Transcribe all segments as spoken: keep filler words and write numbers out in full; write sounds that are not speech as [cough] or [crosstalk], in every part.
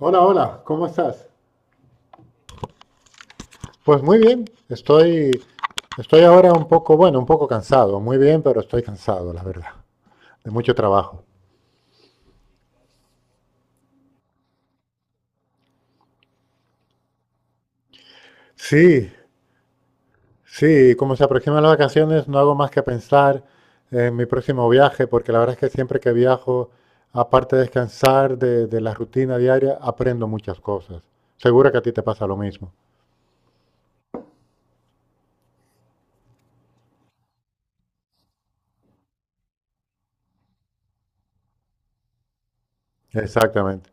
Hola, hola, ¿cómo estás? Pues muy bien, estoy, estoy ahora un poco, bueno, un poco cansado, muy bien, pero estoy cansado, la verdad, de mucho trabajo. Sí, sí, como se aproximan las vacaciones, no hago más que pensar en mi próximo viaje, porque la verdad es que siempre que viajo, aparte de descansar de, de la rutina diaria, aprendo muchas cosas. Seguro que a ti te pasa lo mismo. Exactamente.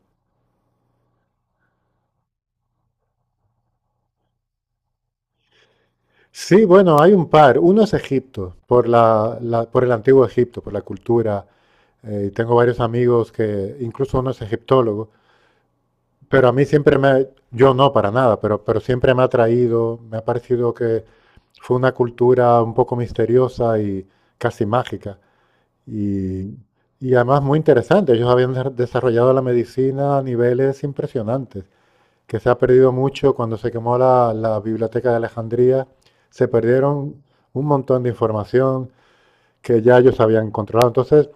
Sí, bueno, hay un par. Uno es Egipto, por la, la- por el antiguo Egipto, por la cultura, eh, y tengo varios amigos que, incluso uno es egiptólogo, pero a mí siempre me, yo no para nada, pero, pero siempre me ha atraído, me ha parecido que fue una cultura un poco misteriosa y casi mágica. Y, y además muy interesante, ellos habían de- desarrollado la medicina a niveles impresionantes, que se ha perdido mucho cuando se quemó la, la biblioteca de Alejandría, se perdieron un montón de información que ya ellos habían controlado. Entonces,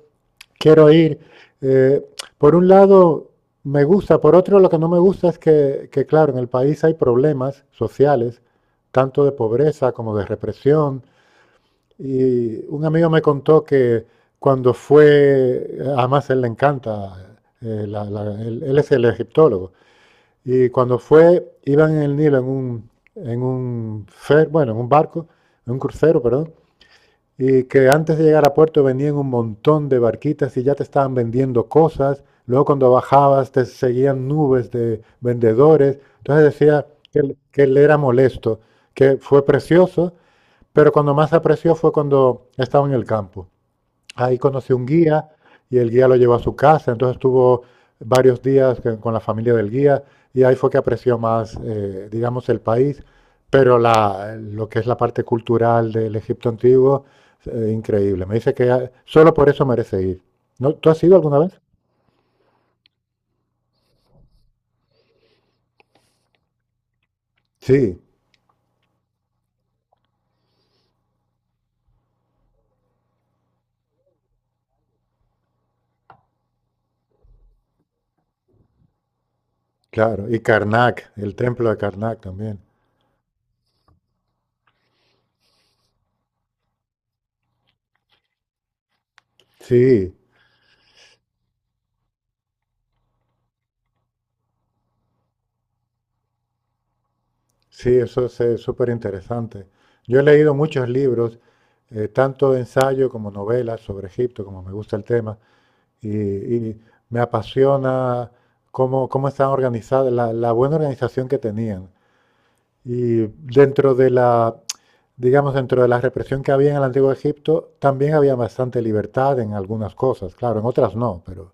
quiero ir. Eh, por un lado, me gusta, por otro, lo que no me gusta es que, que, claro, en el país hay problemas sociales, tanto de pobreza como de represión. Y un amigo me contó que cuando fue, además él le encanta, eh, la, la, él, él, es el egiptólogo, y cuando fue, iban en el Nilo en un, en un fer, bueno, en un barco, en un crucero, perdón, y que antes de llegar a puerto venían un montón de barquitas y ya te estaban vendiendo cosas. Luego cuando bajabas te seguían nubes de vendedores. Entonces decía que, él- que él era molesto, que fue precioso, pero cuando más apreció fue cuando estaba en el campo. Ahí conoció un guía y el guía lo llevó a su casa, entonces estuvo varios días que- con la familia del guía y ahí fue que apreció más, eh, digamos, el país, pero la, lo que es la parte cultural del Egipto antiguo, eh, increíble. Me dice que ah, solo por eso merece ir. ¿No? ¿Tú has ido alguna vez? Sí, claro. Y Karnak, el templo de Karnak también. Sí, sí, eso es eh, súper interesante. Yo he leído muchos libros, eh, tanto de ensayo como novelas sobre Egipto, como me gusta el tema, y, y me apasiona cómo, cómo están organizadas, la, la buena organización que tenían. Y dentro de la, digamos, dentro de la represión que había en el antiguo Egipto, también había bastante libertad en algunas cosas, claro, en otras no, pero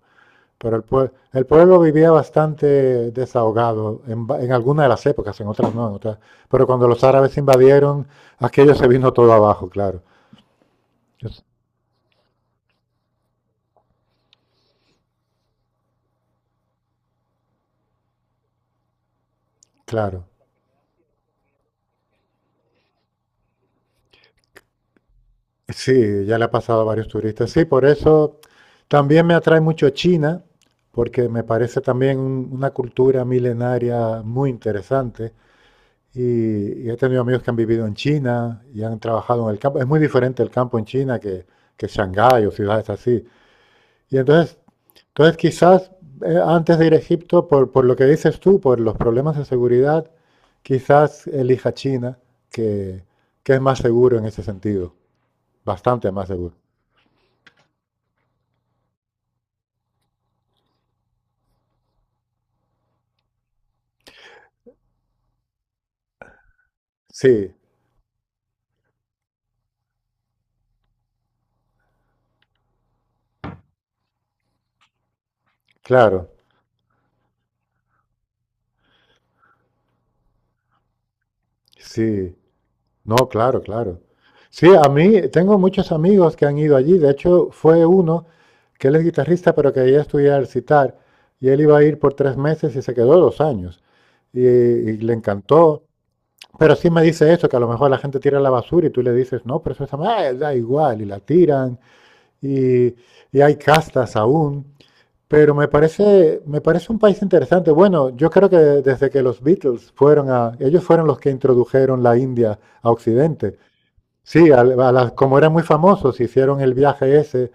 pero el, pue- el pueblo vivía bastante desahogado en, va- en alguna de las épocas, en otras no, en otras. Pero cuando los árabes invadieron, aquello se vino todo abajo, claro. Es- Claro. Sí, ya le ha pasado a varios turistas. Sí, por eso también me atrae mucho China, porque me parece también un- una cultura milenaria muy interesante. Y, y he tenido amigos que han vivido en China y han trabajado en el campo. Es muy diferente el campo en China que, que Shanghái o ciudades así. Y entonces, entonces quizás eh, antes de ir a Egipto, por, por lo que dices tú, por los problemas de seguridad, quizás elija China, que, que es más seguro en ese sentido, bastante más seguro. Sí, claro, sí, no, claro, claro. Sí, a mí tengo muchos amigos que han ido allí. De hecho fue uno que él es guitarrista, pero que ya estudiaba el sitar, y él iba a ir por tres meses y se quedó dos años, y, y le encantó. Pero sí me dice eso, que a lo mejor la gente tira la basura y tú le dices, no, pero eso está mal. "Ah, da igual", y la tiran, y, y hay castas aún. Pero me parece, me parece un país interesante. Bueno, yo creo que desde que los Beatles fueron a, ellos fueron los que introdujeron la India a Occidente. Sí, al- a las- como eran muy famosos, hicieron el viaje ese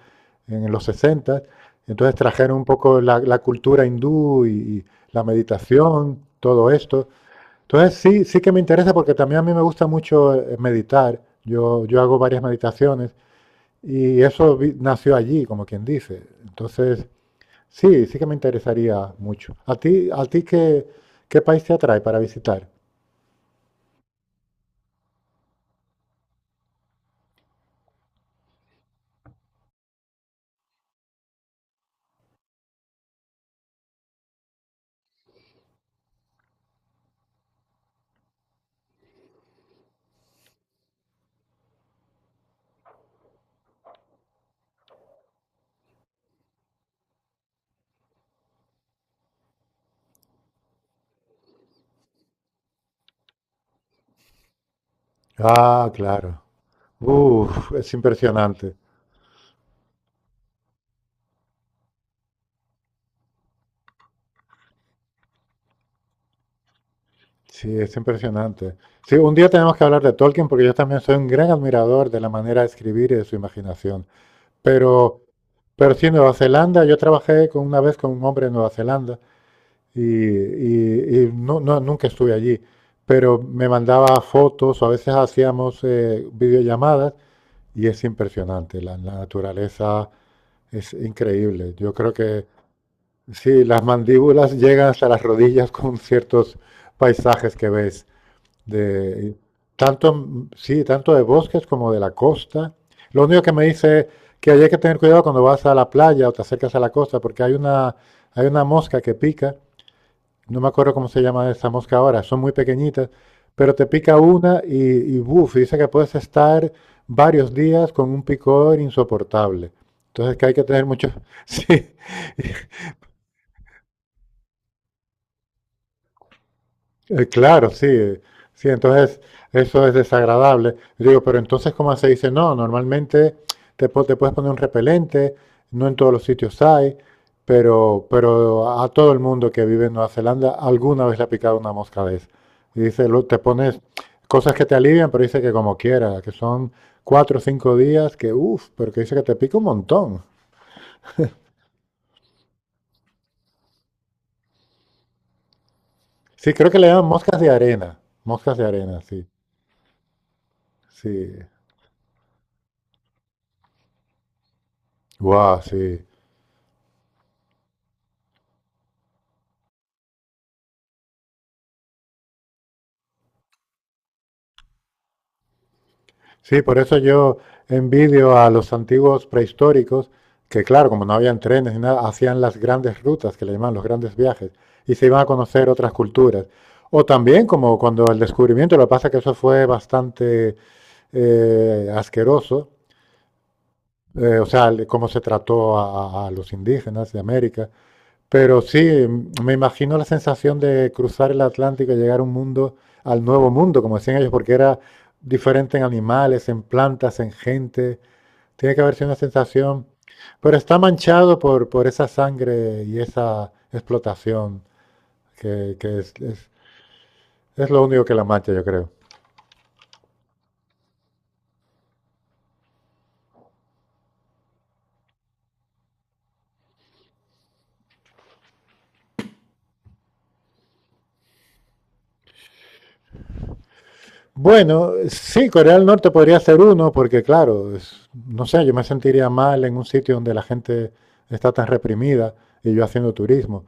en los sesenta, entonces trajeron un poco la, la cultura hindú y y la meditación, todo esto. Entonces sí, sí que me interesa porque también a mí me gusta mucho eh, meditar. Yo, yo hago varias meditaciones y eso vi- nació allí, como quien dice. Entonces, sí, sí que me interesaría mucho. ¿A ti, a ti qué, qué país te atrae para visitar? Ah, claro. Uf, es impresionante. Sí, es impresionante. Sí, un día tenemos que hablar de Tolkien porque yo también soy un gran admirador de la manera de escribir y de su imaginación. Pero, pero sí, Nueva Zelanda, yo trabajé con, una vez con un hombre en Nueva Zelanda y, y- y no, no, nunca estuve allí, pero me mandaba fotos o a veces hacíamos eh, videollamadas y es impresionante, la, la naturaleza es increíble. Yo creo que sí, las mandíbulas llegan hasta las rodillas con ciertos paisajes que ves, de, tanto, mm, sí, tanto de bosques como de la costa. Lo único que me dice que hay que tener cuidado cuando vas a la playa o te acercas a la costa porque hay una, hay una mosca que pica, no me acuerdo cómo se llama esa mosca ahora, son muy pequeñitas, pero te pica una y, y buf, dice que puedes estar varios días con un picor insoportable. Entonces que hay que tener mucho, [laughs] sí. Eh, claro, sí, eh, sí, entonces eso es desagradable. Yo digo, pero entonces, ¿cómo se dice? No, normalmente te, po- te puedes poner un repelente, no en todos los sitios hay, pero, pero a todo el mundo que vive en Nueva Zelanda alguna vez le ha picado una mosca de esa. Y dice, lo- te pones cosas que te alivian, pero dice que como quiera, que son cuatro o cinco días, que uff, pero que dice que te pica un montón. Sí, creo que le llaman moscas de arena, moscas de arena, sí, sí. Guau, sí. Sí, por eso yo envidio a los antiguos prehistóricos que, claro, como no habían trenes ni nada, hacían las grandes rutas, que le llaman los grandes viajes, y se iban a conocer otras culturas. O también como cuando el descubrimiento, lo que pasa es que eso fue bastante eh, asqueroso, eh, o sea, el- cómo se trató a, a los indígenas de América. Pero sí, mm, me imagino la sensación de cruzar el Atlántico y llegar a un mundo, al nuevo mundo, como decían ellos, porque era diferente en animales, en plantas, en gente, tiene que haber sido una sensación, pero está manchado por, por esa sangre y esa explotación, que, que es, es- es lo único que la mancha, yo creo. Bueno, sí, Corea del Norte podría ser uno, porque claro, es- no sé, yo me sentiría mal en un sitio donde la gente está tan reprimida y yo haciendo turismo.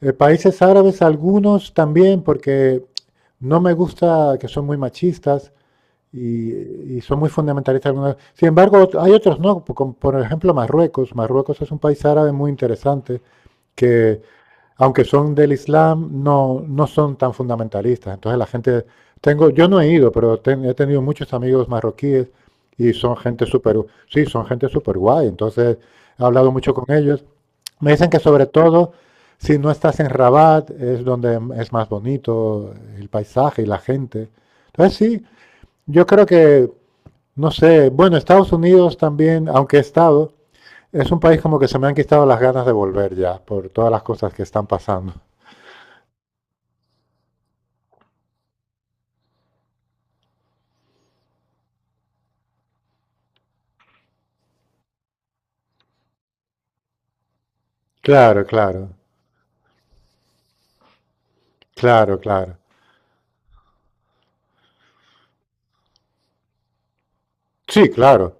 Eh, países árabes, algunos también, porque no me gusta que son muy machistas y, y son muy fundamentalistas algunos. Sin embargo, ot- hay otros no, como por ejemplo Marruecos. Marruecos es un país árabe muy interesante que, aunque son del Islam, no, no son tan fundamentalistas. Entonces la gente, tengo, yo no he ido, pero ten- he tenido muchos amigos marroquíes y son gente súper, sí, son gente súper guay. Entonces he hablado mucho con ellos. Me dicen que sobre todo, si no estás en Rabat, es donde m- es más bonito el paisaje y la gente. Entonces sí, yo creo que, no sé, bueno, Estados Unidos también, aunque he estado, es un país como que se me han quitado las ganas de volver ya por todas las cosas que están pasando. Claro, claro, claro, claro. Sí, claro.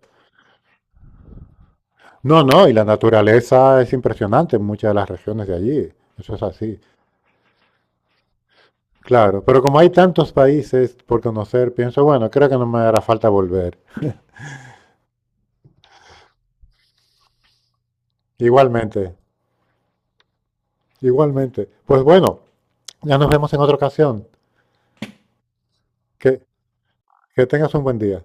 No, no, y la naturaleza es impresionante en muchas de las regiones de allí. Eso es así. Claro, pero como hay tantos países por conocer, pienso, bueno, creo que no me hará falta volver. Igualmente, igualmente. Pues bueno, ya nos vemos en otra ocasión. Que, que tengas un buen día.